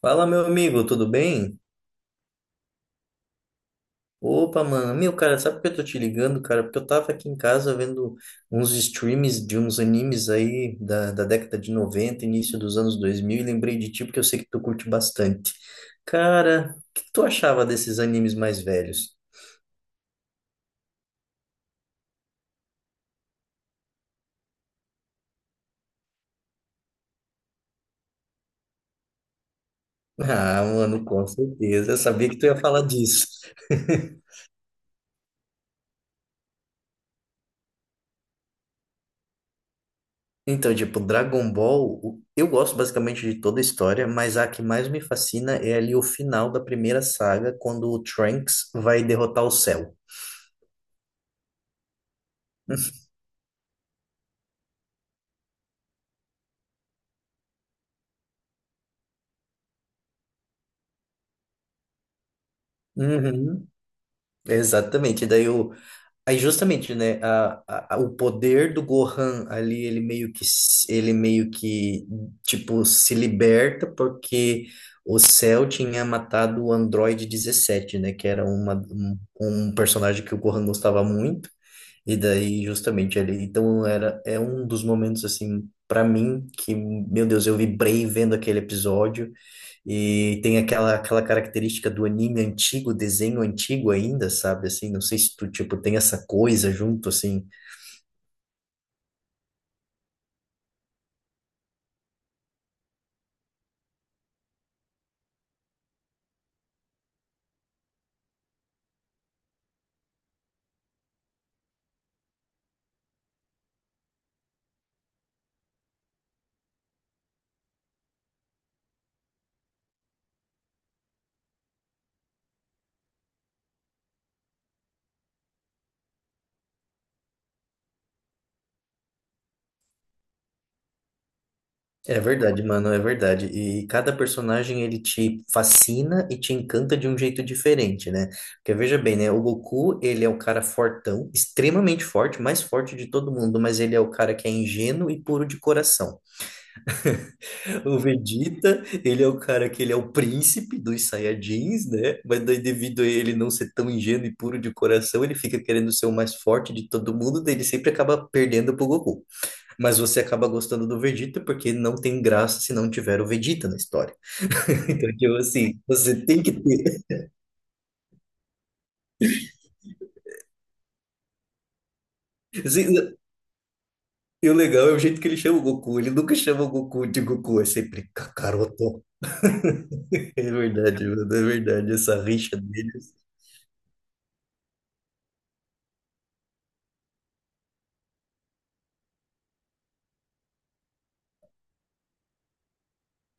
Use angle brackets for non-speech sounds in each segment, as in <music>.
Fala, meu amigo, tudo bem? Opa, mano, meu cara, sabe que eu tô te ligando, cara? Porque eu tava aqui em casa vendo uns streams de uns animes aí da década de 90, início dos anos 2000 e lembrei de ti porque eu sei que tu curte bastante. Cara, o que tu achava desses animes mais velhos? <laughs> Ah, mano, com certeza, eu sabia que tu ia falar disso. <laughs> Então, tipo, Dragon Ball, eu gosto basicamente de toda a história, mas a que mais me fascina é ali o final da primeira saga, quando o Trunks vai derrotar o Cell. Uhum, exatamente. Aí justamente, né, o poder do Gohan ali, ele meio que tipo se liberta porque o Cell tinha matado o Android 17, né, que era um personagem que o Gohan gostava muito. E daí, justamente ali, então é um dos momentos, assim, para mim, que, meu Deus, eu vibrei vendo aquele episódio, e tem aquela característica do anime antigo, desenho antigo ainda, sabe, assim, não sei se tu, tipo, tem essa coisa junto, assim. É verdade, mano, é verdade, e cada personagem, ele te fascina e te encanta de um jeito diferente, né? Porque veja bem, né, o Goku, ele é o cara fortão, extremamente forte, mais forte de todo mundo, mas ele é o cara que é ingênuo e puro de coração. O Vegeta, ele é o cara que ele é o príncipe dos Saiyajins, né? Mas daí, devido a ele não ser tão ingênuo e puro de coração, ele fica querendo ser o mais forte de todo mundo, daí ele sempre acaba perdendo pro Goku. Mas você acaba gostando do Vegeta porque não tem graça se não tiver o Vegeta na história. <laughs> Então, tipo assim, você tem que ter. assim, E o legal é o jeito que ele chama o Goku. Ele nunca chama o Goku de Goku, é sempre Kakaroto. <laughs> É verdade, mano, é verdade, essa rixa deles.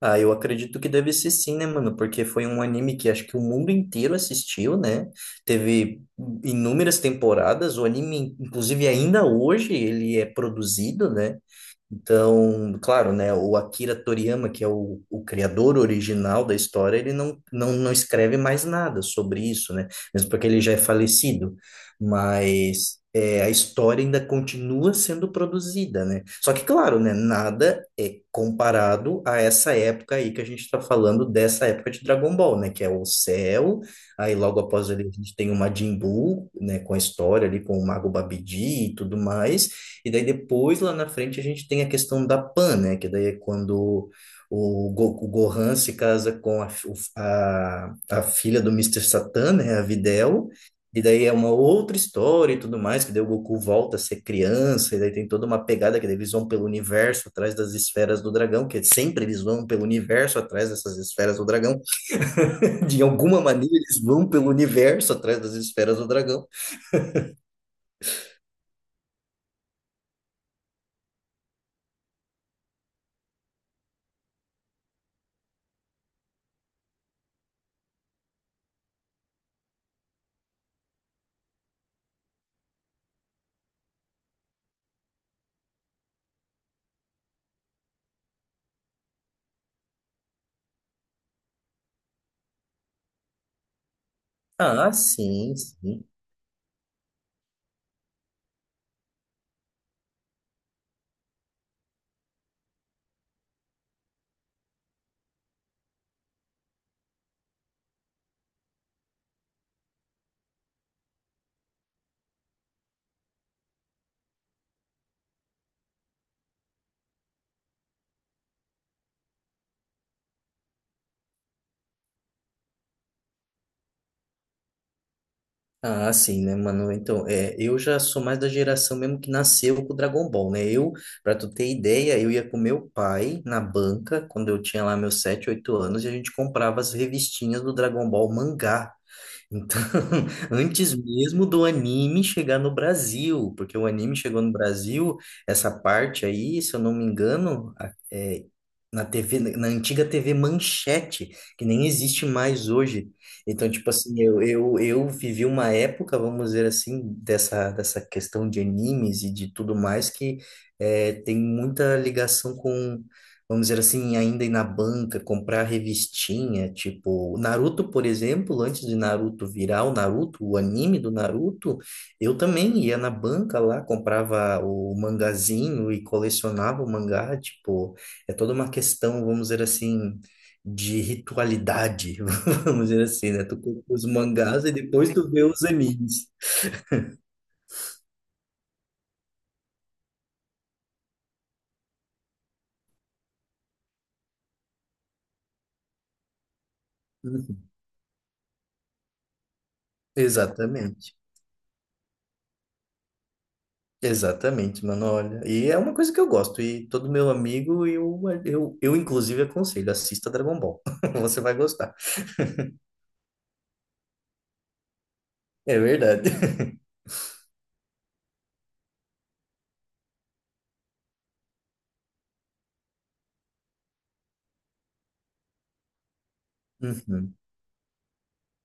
Ah, eu acredito que deve ser sim, né, mano? Porque foi um anime que acho que o mundo inteiro assistiu, né? Teve inúmeras temporadas. O anime, inclusive, ainda hoje ele é produzido, né? Então, claro, né, o Akira Toriyama, que é o criador original da história, ele não escreve mais nada sobre isso, né? Mesmo porque ele já é falecido. Mas é, a história ainda continua sendo produzida, né? Só que, claro, né, nada é comparado a essa época aí que a gente está falando dessa época de Dragon Ball, né? Que é o céu, aí logo após ele a gente tem o Majin Buu, né, com a história ali com o Mago Babidi e tudo mais. E daí depois, lá na frente, a gente tem a questão da Pan, né? Que daí é quando o Gohan se casa com a filha do mister Satan, né? A Videl. E daí é uma outra história e tudo mais, que daí o Goku volta a ser criança, e daí tem toda uma pegada que daí eles vão pelo universo atrás das esferas do dragão, que sempre eles vão pelo universo atrás dessas esferas do dragão. <laughs> De alguma maneira, eles vão pelo universo atrás das esferas do dragão. Ah, sim, sim. Ah, sim, né, mano? Então, é, eu já sou mais da geração mesmo que nasceu com o Dragon Ball, né? Eu, pra tu ter ideia, eu ia com meu pai na banca, quando eu tinha lá meus 7 8 anos, e a gente comprava as revistinhas do Dragon Ball mangá. Então, <laughs> antes mesmo do anime chegar no Brasil, porque o anime chegou no Brasil, essa parte aí, se eu não me engano, é, na TV, na antiga TV Manchete, que nem existe mais hoje. Então, tipo assim, eu vivi uma época, vamos dizer assim, dessa questão de animes e de tudo mais, que é, tem muita ligação com vamos dizer assim, ainda ir na banca, comprar revistinha, tipo, Naruto, por exemplo, antes de Naruto virar o Naruto, o anime do Naruto, eu também ia na banca lá, comprava o mangazinho e colecionava o mangá, tipo, é toda uma questão, vamos dizer assim, de ritualidade, <laughs> vamos dizer assim, né? Tu compra os mangás e depois tu vê os animes. Uhum. Exatamente. Exatamente, mano, olha. E é uma coisa que eu gosto, e todo meu amigo, eu inclusive aconselho, assista Dragon Ball. <laughs> Você vai gostar. É verdade. <laughs> Uhum.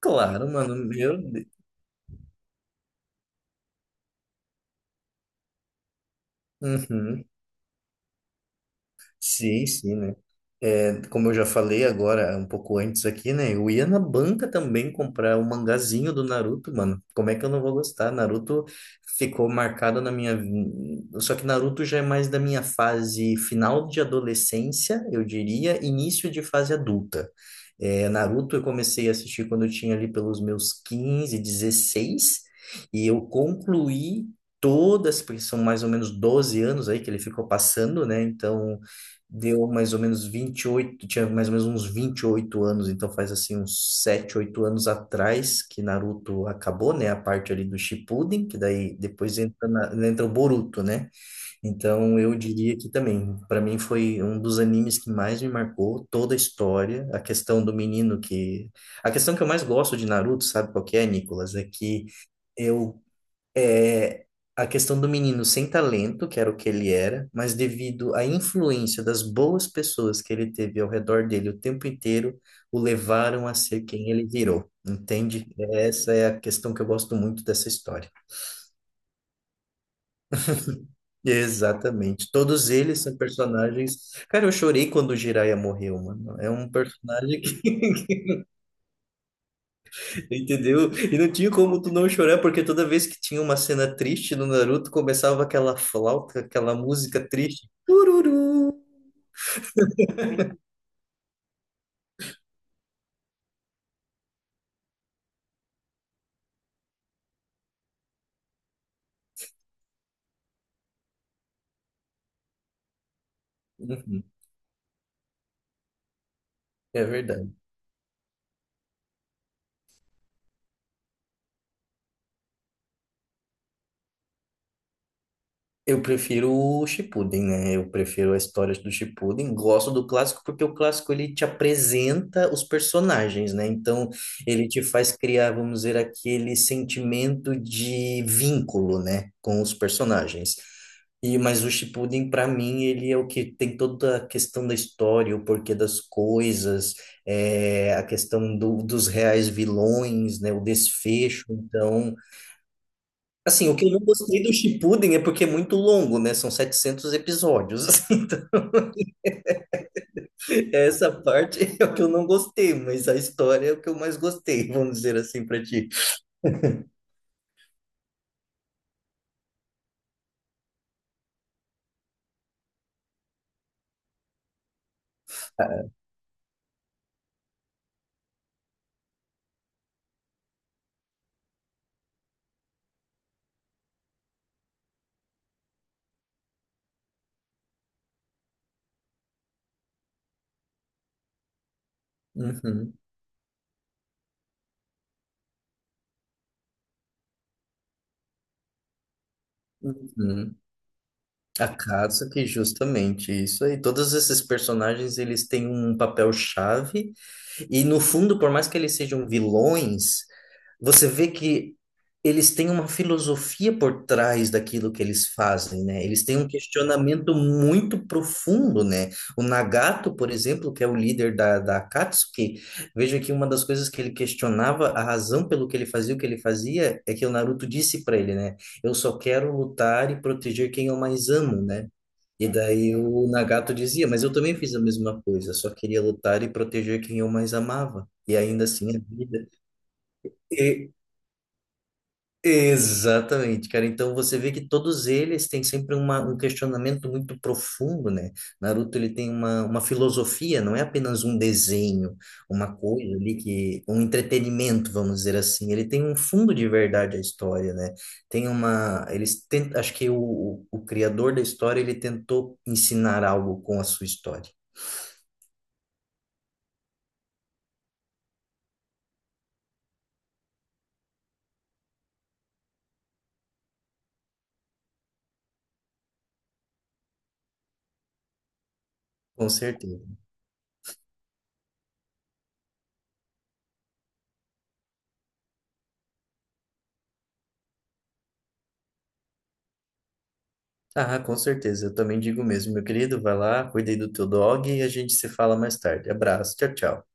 Claro, mano, meu Deus. Sim, sim, né? É, como eu já falei agora, um pouco antes aqui, né? Eu ia na banca também comprar o mangazinho do Naruto, mano. Como é que eu não vou gostar? Naruto ficou marcado na minha. Só que Naruto já é mais da minha fase final de adolescência, eu diria, início de fase adulta. É, Naruto eu comecei a assistir quando eu tinha ali pelos meus 15 16 e eu concluí. Todas, porque são mais ou menos 12 anos aí que ele ficou passando, né? Então, deu mais ou menos 28 tinha mais ou menos uns 28 anos, então faz assim uns 7 8 anos atrás que Naruto acabou, né? A parte ali do Shippuden, que daí depois entra, entra o Boruto, né? Então eu diria que também, para mim foi um dos animes que mais me marcou toda a história, a questão do menino que... A questão que eu mais gosto de Naruto, sabe qual que é, Nicolas? É que eu é a questão do menino sem talento, que era o que ele era, mas devido à influência das boas pessoas que ele teve ao redor dele o tempo inteiro, o levaram a ser quem ele virou. Entende? Essa é a questão que eu gosto muito dessa história. Exatamente. Todos eles são personagens. Cara, eu chorei quando o Jiraiya morreu, mano. É um personagem que, <laughs> entendeu? E não tinha como tu não chorar, porque toda vez que tinha uma cena triste no Naruto, começava aquela flauta, aquela música triste. Tururu. Uhum. É verdade. Eu prefiro o Shippuden, né? Eu prefiro a história do Shippuden. Gosto do clássico porque o clássico ele te apresenta os personagens, né? Então ele te faz criar, vamos dizer, aquele sentimento de vínculo, né, com os personagens. E mas o Shippuden para mim ele é o que tem toda a questão da história, o porquê das coisas, é, a questão dos reais vilões, né? O desfecho. Então assim, o que eu não gostei do Shippuden é porque é muito longo, né? São 700 episódios. <laughs> Assim, então, essa parte é o que eu não gostei, mas a história é o que eu mais gostei, vamos dizer assim, pra ti. Uhum, uhum. A Katsuki, justamente, isso aí. Todos esses personagens, eles têm um papel-chave. E no fundo, por mais que eles sejam vilões, você vê que eles têm uma filosofia por trás daquilo que eles fazem, né? Eles têm um questionamento muito profundo, né? O Nagato, por exemplo, que é o líder da Akatsuki, veja que uma das coisas que ele questionava, a razão pelo que ele fazia o que ele fazia, é que o Naruto disse para ele, né? Eu só quero lutar e proteger quem eu mais amo, né? E daí o Nagato dizia, mas eu também fiz a mesma coisa, só queria lutar e proteger quem eu mais amava. E ainda assim a vida. E exatamente, cara. Então você vê que todos eles têm sempre uma, um questionamento muito profundo, né? Naruto ele tem uma filosofia, não é apenas um desenho, uma coisa ali que, um entretenimento, vamos dizer assim. Ele tem um fundo de verdade à história, né? Tem uma, eles tentam, acho que o criador da história ele tentou ensinar algo com a sua história. Com certeza. Ah, com certeza. Eu também digo mesmo, meu querido. Vai lá, cuida aí do teu dog e a gente se fala mais tarde. Abraço. Tchau, tchau.